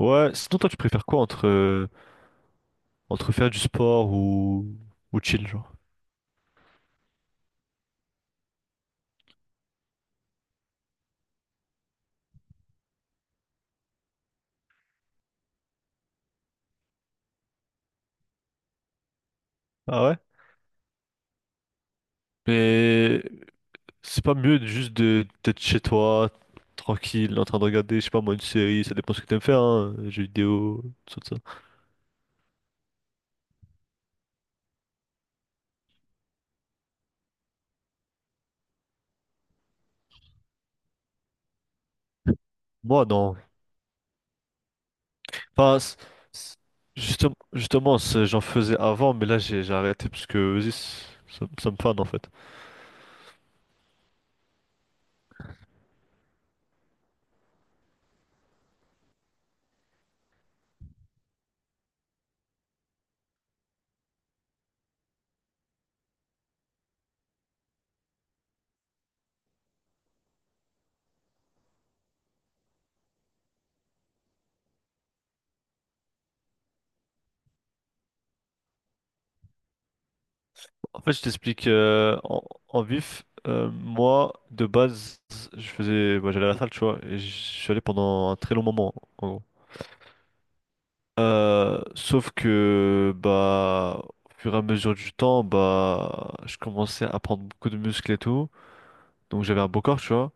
Ouais, sinon toi tu préfères quoi entre, entre faire du sport ou, chill, genre? Ah ouais? Mais, c'est pas mieux de- juste de d'être chez toi, tranquille, en train de regarder, je sais pas moi, une série, ça dépend ce que t'aimes faire, hein, jeux vidéo, tout ça. Moi, non. Enfin, c- justement, j'en faisais avant, mais là, j'ai arrêté parce que, vas-y, ça me fane, en fait. En fait, je t'explique en vif. Moi, de base, moi, j'allais à la salle, tu vois, et je suis allé pendant un très long moment, en gros. Sauf que, bah, au fur et à mesure du temps, bah, je commençais à prendre beaucoup de muscles et tout, donc j'avais un beau corps, tu vois.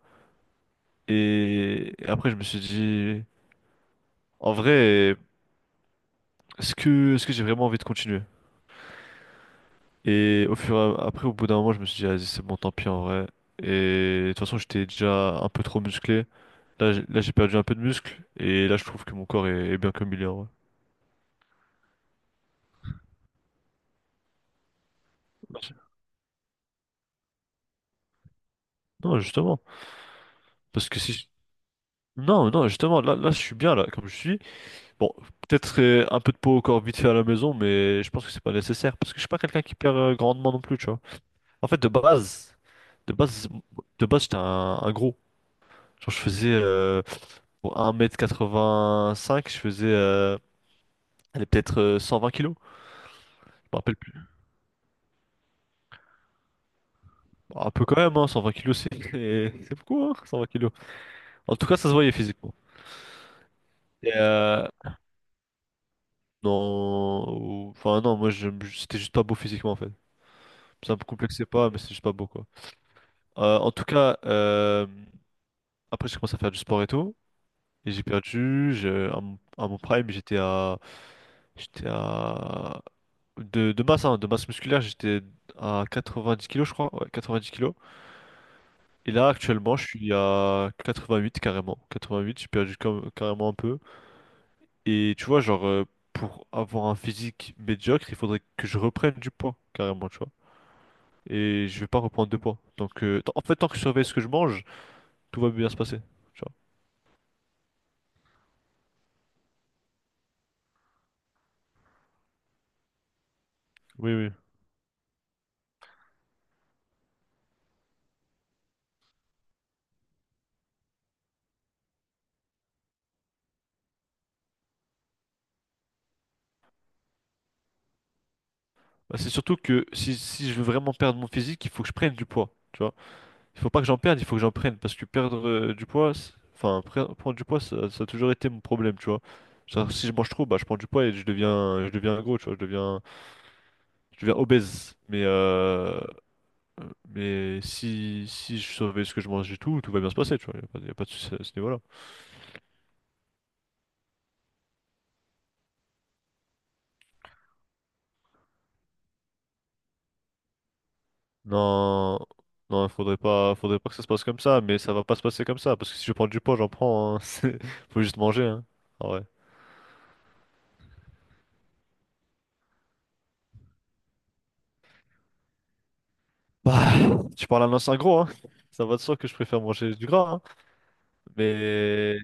Et, après, je me suis dit, en vrai, est-ce que j'ai vraiment envie de continuer? Et au fur et à, après, au bout d'un moment, je me suis dit, vas-y, c'est bon, tant pis, en vrai. Et de toute façon, j'étais déjà un peu trop musclé. Là, j'ai perdu un peu de muscle et là, je trouve que mon corps est bien comme il est, en vrai. Merci. Non, justement. Parce que si. Non, non, justement, je suis bien, là, comme je suis. Bon, peut-être un peu de peau au corps vite fait à la maison, mais je pense que c'est pas nécessaire. Parce que je suis pas quelqu'un qui perd grandement non plus, tu vois. En fait, de base, de base, j'étais un gros. Genre, je faisais bon, 1,85 m. Je faisais allez, peut-être 120 kilos. Je me rappelle plus. Bon, un peu quand même, hein, 120 kilos, c'est c'est beaucoup, hein, 120 kilos. En tout cas, ça se voyait physiquement. Et, non, enfin non, c'était juste pas beau physiquement en fait. Ça me complexait pas, mais c'est juste pas beau quoi. En tout cas, après j'ai commencé à faire du sport et tout, et j'ai perdu. À mon prime, j'étais à de masse, hein, de masse musculaire, j'étais à 90 kilos je crois, ouais, 90 kilos. Et là actuellement, je suis à 88 carrément. 88, j'ai perdu carrément un peu. Et tu vois, genre, pour avoir un physique médiocre, il faudrait que je reprenne du poids, carrément, tu vois. Et je vais pas reprendre de poids. Donc, en fait, tant que je surveille ce que je mange, tout va bien se passer, tu vois. Oui, oui. Bah, c'est surtout que si je veux vraiment perdre mon physique, il faut que je prenne du poids, tu vois. Il faut pas que j'en perde, il faut que j'en prenne. Parce que perdre du poids, enfin, prendre du poids, ça a toujours été mon problème, tu vois. Genre, si je mange trop, bah, je prends du poids et je deviens gros, tu vois. Je deviens obèse. Mais, si je savais ce que je mangeais et tout, tout va bien se passer, tu vois. Il n'y a pas, y a pas de souci à ce niveau-là. Non, non, il faudrait pas que ça se passe comme ça, mais ça va pas se passer comme ça, parce que si je prends du poids, j'en prends, hein. Faut juste manger, hein. Ah ouais. Bah, tu parles à un ancien gros, hein. Ça va de soi que je préfère manger du gras, hein. Mais,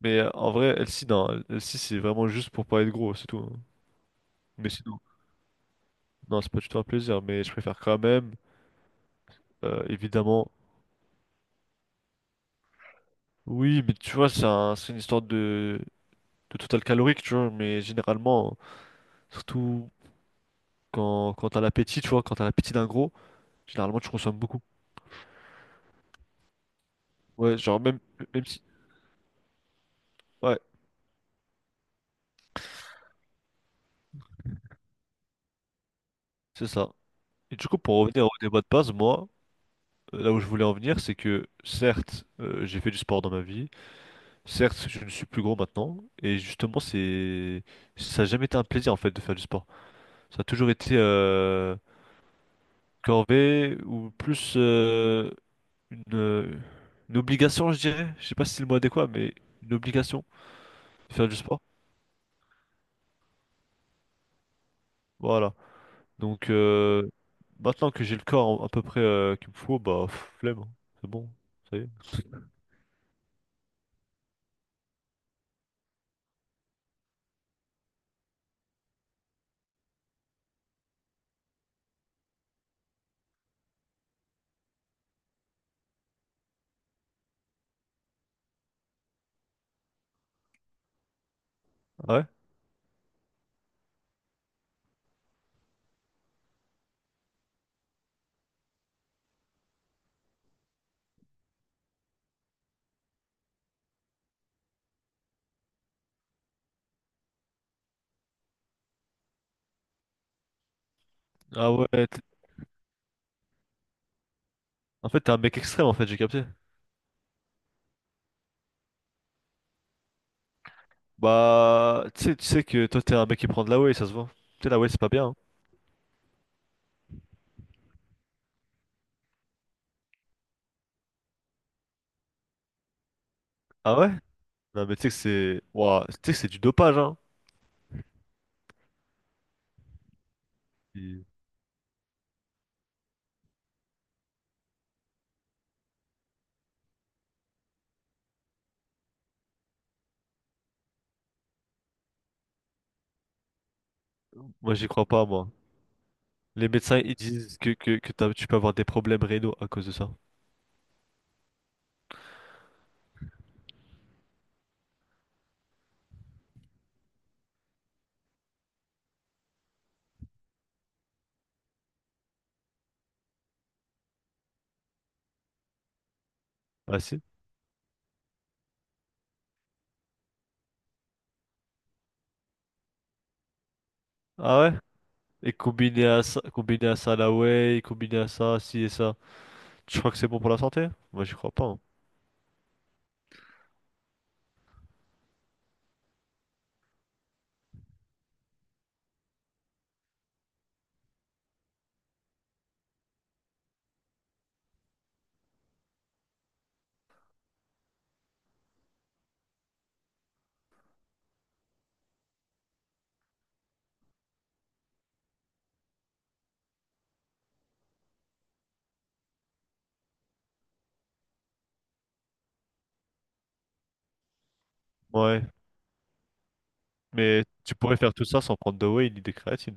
mais en vrai, LC, non. LC, c'est vraiment juste pour pas être gros, c'est tout, hein. Mais sinon, non, c'est pas du tout un plaisir, mais je préfère quand même, évidemment. Oui, mais tu vois, c'est une histoire de total calorique, tu vois, mais généralement, surtout quand t'as l'appétit, tu vois, quand t'as l'appétit d'un gros, généralement tu consommes beaucoup. Ouais, genre même si. Ouais, c'est ça. Et du coup, pour revenir au débat de base, moi, là où je voulais en venir, c'est que certes, j'ai fait du sport dans ma vie, certes, je ne suis plus gros maintenant, et justement, c'est. Ça n'a jamais été un plaisir en fait de faire du sport. Ça a toujours été corvée ou plus une, euh, une obligation, je dirais. Je sais pas si c'est le mot adéquat, mais une obligation. Faire du sport? Voilà. Donc, maintenant que j'ai le corps à peu près qu'il me faut, bah, pff, flemme, hein. C'est bon, ça y est. Ah ouais? Ah ouais, en fait, t'es un mec extrême, en fait, j'ai capté. Bah, tu sais que toi, t'es un mec qui prend de la whey, ça se voit. Tu sais, la whey, c'est pas bien, hein. Ah ouais? Non, mais tu sais que c'est. Ouah, tu sais que c'est du dopage, hein. Et Moi, j'y crois pas, moi. Les médecins, ils disent que tu peux avoir des problèmes rénaux à cause de ça. Ah si? Ah ouais? Et combiné à ça, la whey, combiné à ça, ci et ça. Je crois que c'est bon pour la santé? Moi, j'y crois pas, hein. Ouais, mais tu pourrais faire tout ça sans prendre de whey ni de créatine.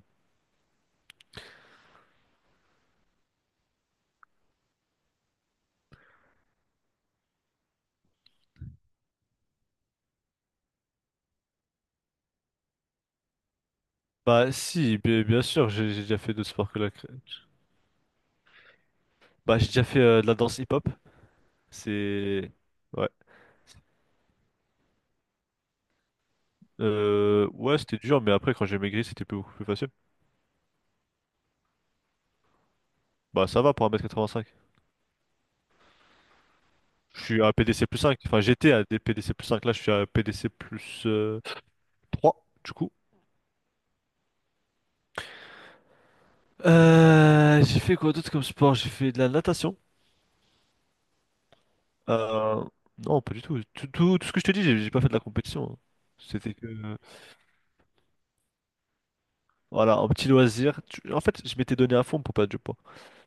Bah si, bien sûr, j'ai déjà fait d'autres sports que la créatine. Bah j'ai déjà fait de la danse hip-hop. C'est. Ouais. Ouais, c'était dur, mais après, quand j'ai maigri, c'était beaucoup plus facile. Bah ça va pour 1,85 m. Je suis à PDC plus 5. Enfin, j'étais à des PDC plus cinq. Là, je suis à PDC plus 3 du coup. J'ai fait quoi d'autre comme sport? J'ai fait de la natation. Euh, non, pas du tout. Tout ce que je te dis, j'ai pas fait de la compétition, hein. C'était que, voilà, un petit loisir. En fait, je m'étais donné à fond pour perdre du poids.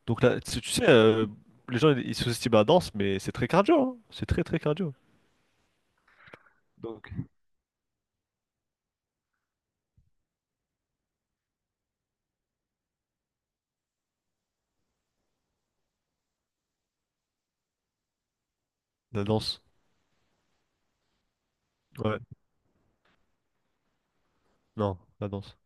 Donc là, tu sais, les gens, ils sous-estiment la danse, mais c'est très cardio, hein. C'est très, très cardio. La danse. Ouais. Non, la danse.